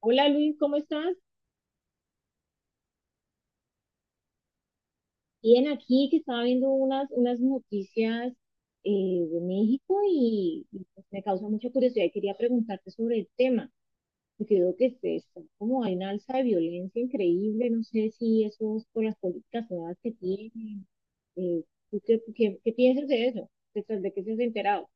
Hola Luis, ¿cómo estás? Bien, aquí que estaba viendo unas noticias de México y pues me causa mucha curiosidad y quería preguntarte sobre el tema, porque veo que está como hay una alza de violencia increíble, no sé si eso es por las políticas nuevas que tienen. Eh, ¿Tú qué piensas de eso? De qué se has enterado?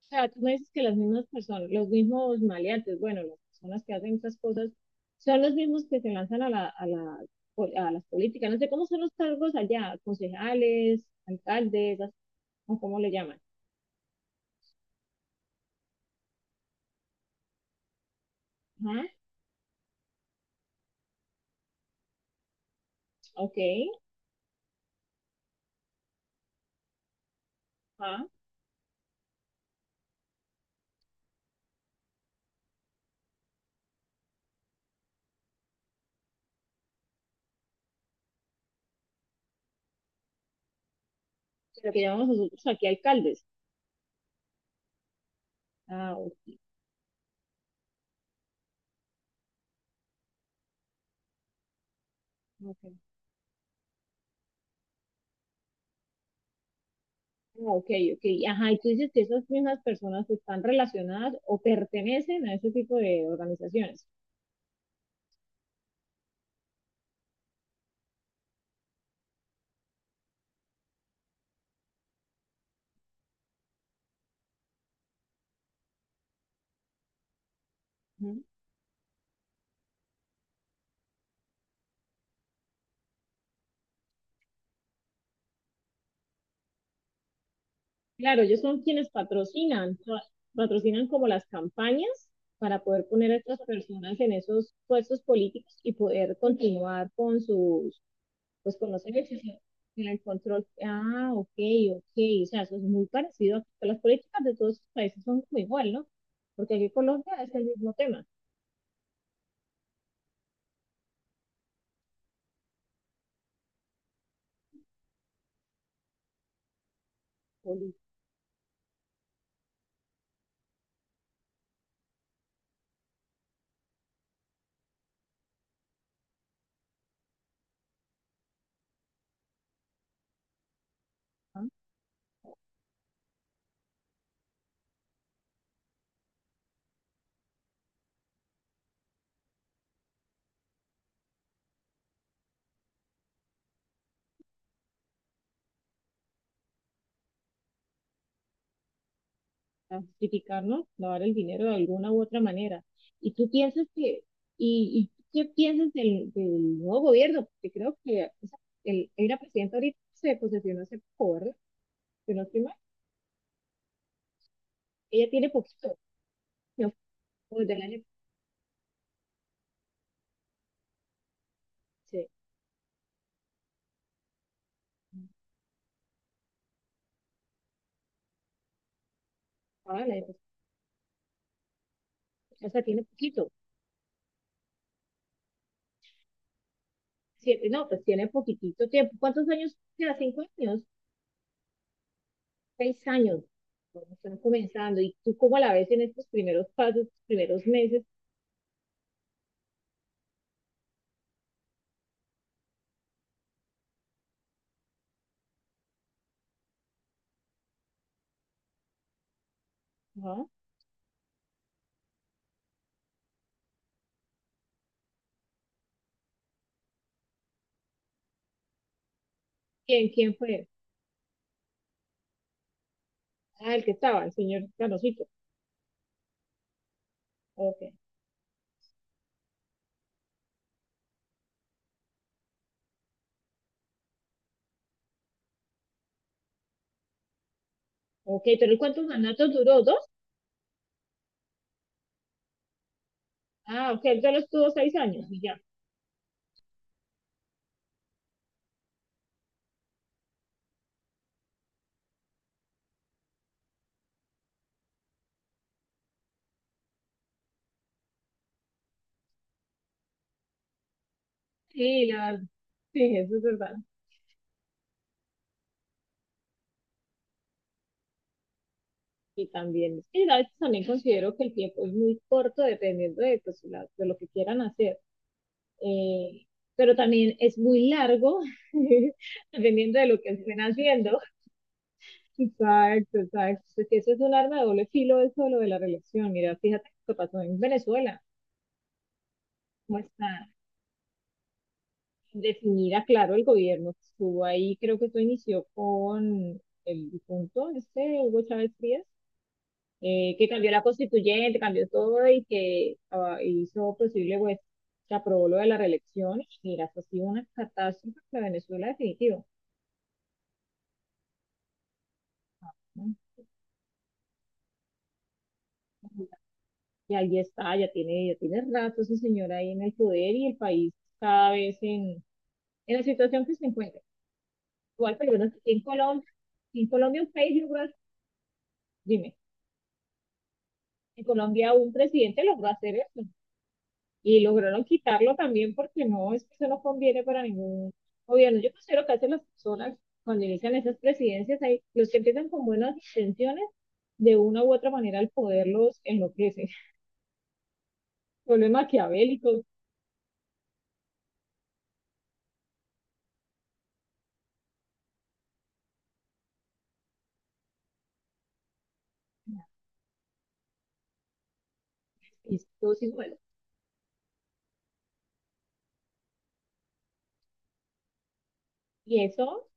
O sea, tú me dices que las mismas personas, los mismos maleantes, bueno, las personas que hacen esas cosas, son los mismos que se lanzan a las políticas. No sé cómo son los cargos allá, concejales, alcaldes, o cómo le llaman. Ajá, ok, ajá, lo que llamamos nosotros aquí alcaldes. Ah, ok, ok, ah, ok, ok, ajá, y tú dices que esas mismas personas están relacionadas o pertenecen a ese tipo de organizaciones. Claro, ellos son quienes patrocinan como las campañas para poder poner a estas personas en esos puestos políticos y poder continuar con sus, pues con los ejercicios en el control. Ah, ok, ok, o sea, eso es muy parecido a que las políticas de todos los países son como igual, ¿no? Porque aquí en Colombia es el mismo tema, política. A justificarnos, lavar el dinero de alguna u otra manera. Y tú piensas que, y qué piensas del nuevo gobierno, porque creo que, o sea, el, hay una presidenta ahorita que se posesionó hace poco, ¿verdad? Si no estoy mal, ella tiene poquito, no, del año, se- ah, el año, o sea, tiene poquito, siete, no, pues tiene poquitito tiempo. ¿Cuántos años? Ya, cinco años, seis años. Bueno, están comenzando, y tú cómo la ves en estos primeros pasos, primeros meses. Ajá. ¿Quién, quién fue? Ah, el que estaba, el señor Canosito. Ok, ok, pero ¿el, cuántos mandatos duró? ¿Dos? Ah, ok, él solo estuvo seis años y ya. Sí, la verdad. Sí, eso es verdad. Y también, es que a veces también considero que el tiempo es muy corto dependiendo de, pues, de lo que quieran hacer. Eh, pero también es muy largo dependiendo de lo que estén haciendo. Exacto, exacto. Porque eso es un arma de doble filo, eso de lo de la relación. Mira, fíjate lo que pasó en Venezuela. ¿Cómo está? Definida, claro, el gobierno que estuvo ahí, creo que esto inició con el difunto, este Hugo Chávez Frías, que cambió la constituyente, cambió todo y que, ah, hizo posible, pues, se aprobó lo de la reelección. Y mira, eso ha sido una catástrofe para Venezuela, definitivo. ¿No? Y ahí está, ya tiene rato ese señor ahí en el poder y el país cada vez en la situación que se encuentra. Igual, pero bueno, aquí en Colombia un país rural, dime. En Colombia un presidente logró hacer eso y lograron quitarlo también porque no, es que eso no conviene para ningún gobierno. Yo considero que hacen las personas cuando inician esas presidencias, hay, los que empiezan con buenas intenciones, de una u otra manera al poder los enloquece, vuelven maquiavélicos, y eso.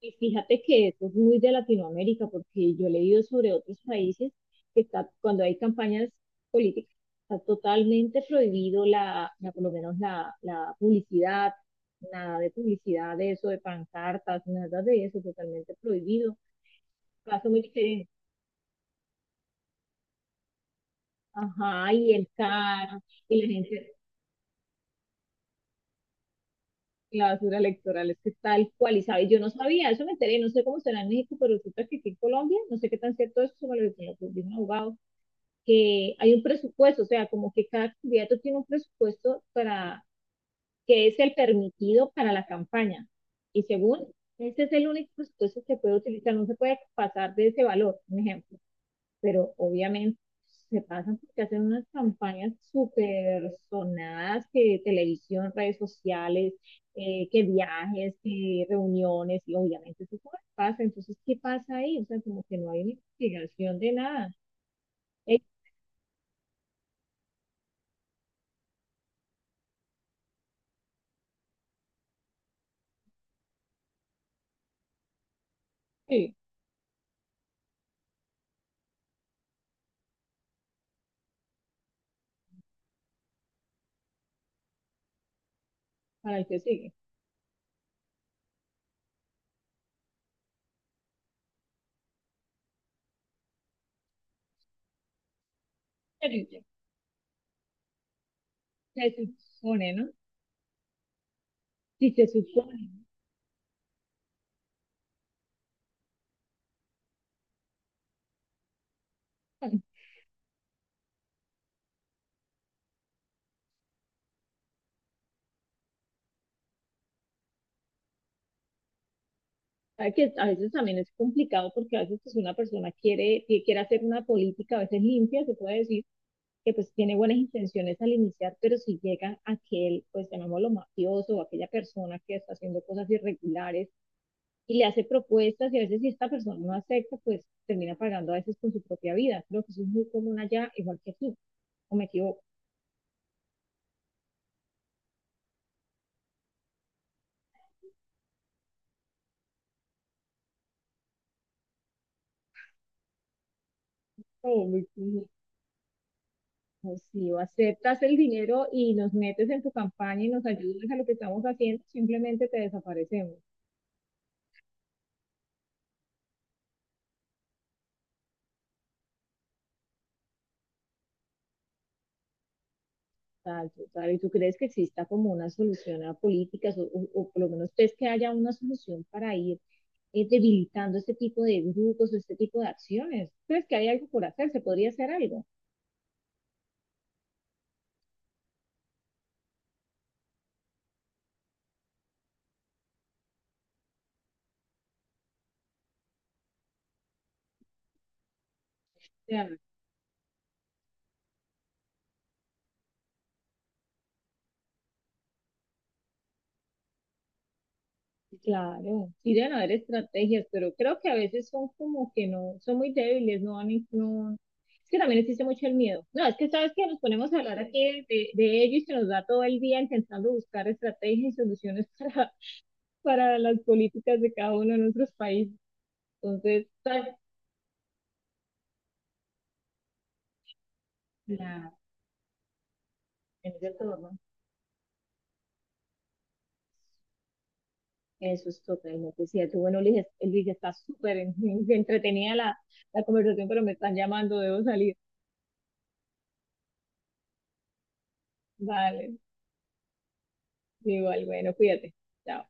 Y fíjate que eso es muy de Latinoamérica, porque yo he leído sobre otros países que está, cuando hay campañas políticas, está totalmente prohibido por lo menos la publicidad, nada de publicidad de eso, de pancartas, nada de eso, totalmente prohibido. Caso muy diferente. Ajá, y el CAR, y la gente, la basura electoral es que es tal cual, y sabe, yo no sabía, eso me enteré, no sé cómo será en México, pero resulta que aquí en Colombia, no sé qué tan cierto es, eso me lo dijo un abogado, que hay un presupuesto, o sea, como que cada candidato tiene un presupuesto para que es el permitido para la campaña. Y según, este es el único presupuesto que puede utilizar, no se puede pasar de ese valor, un ejemplo, pero obviamente se pasan porque hacen unas campañas súper sonadas que televisión, redes sociales, que viajes, que reuniones, y obviamente eso se pasa. Entonces, ¿qué pasa ahí? O sea, como que no hay una investigación de nada. Eh, sí, para el que sigue. Terrible. Se supone, ¿no? Si se supone. Sabe que a veces también es complicado porque a veces, pues, una persona quiere, que quiere hacer una política, a veces limpia, se puede decir, que pues tiene buenas intenciones al iniciar, pero si llega aquel, pues llamémoslo mafioso, o aquella persona que está haciendo cosas irregulares y le hace propuestas y a veces si esta persona no acepta, pues termina pagando a veces con su propia vida. Creo que eso es muy común allá, igual que aquí, o me equivoco. Oh, muy, muy, pues si o aceptas el dinero y nos metes en tu campaña y nos ayudas a lo que estamos haciendo, simplemente te desaparecemos. Tal, tal. ¿Y tú crees que exista como una solución a políticas o, o por lo menos crees que haya una solución para ir debilitando este tipo de grupos o este tipo de acciones? ¿Crees que hay algo por hacer? ¿Se podría hacer algo? O sea, claro, sí deben haber estrategias, pero creo que a veces son como que no, son muy débiles, no van, no, es que también existe mucho el miedo. No, es que sabes que nos ponemos a hablar aquí de, de ello y se nos da todo el día intentando buscar estrategias y soluciones para las políticas de cada uno de nuestros países. Entonces, la, en ese entorno, eso es totalmente cierto. Bueno, Luis, Luis está súper entretenida la, la conversación, pero me están llamando, debo salir. Vale, igual, bueno, cuídate. Chao.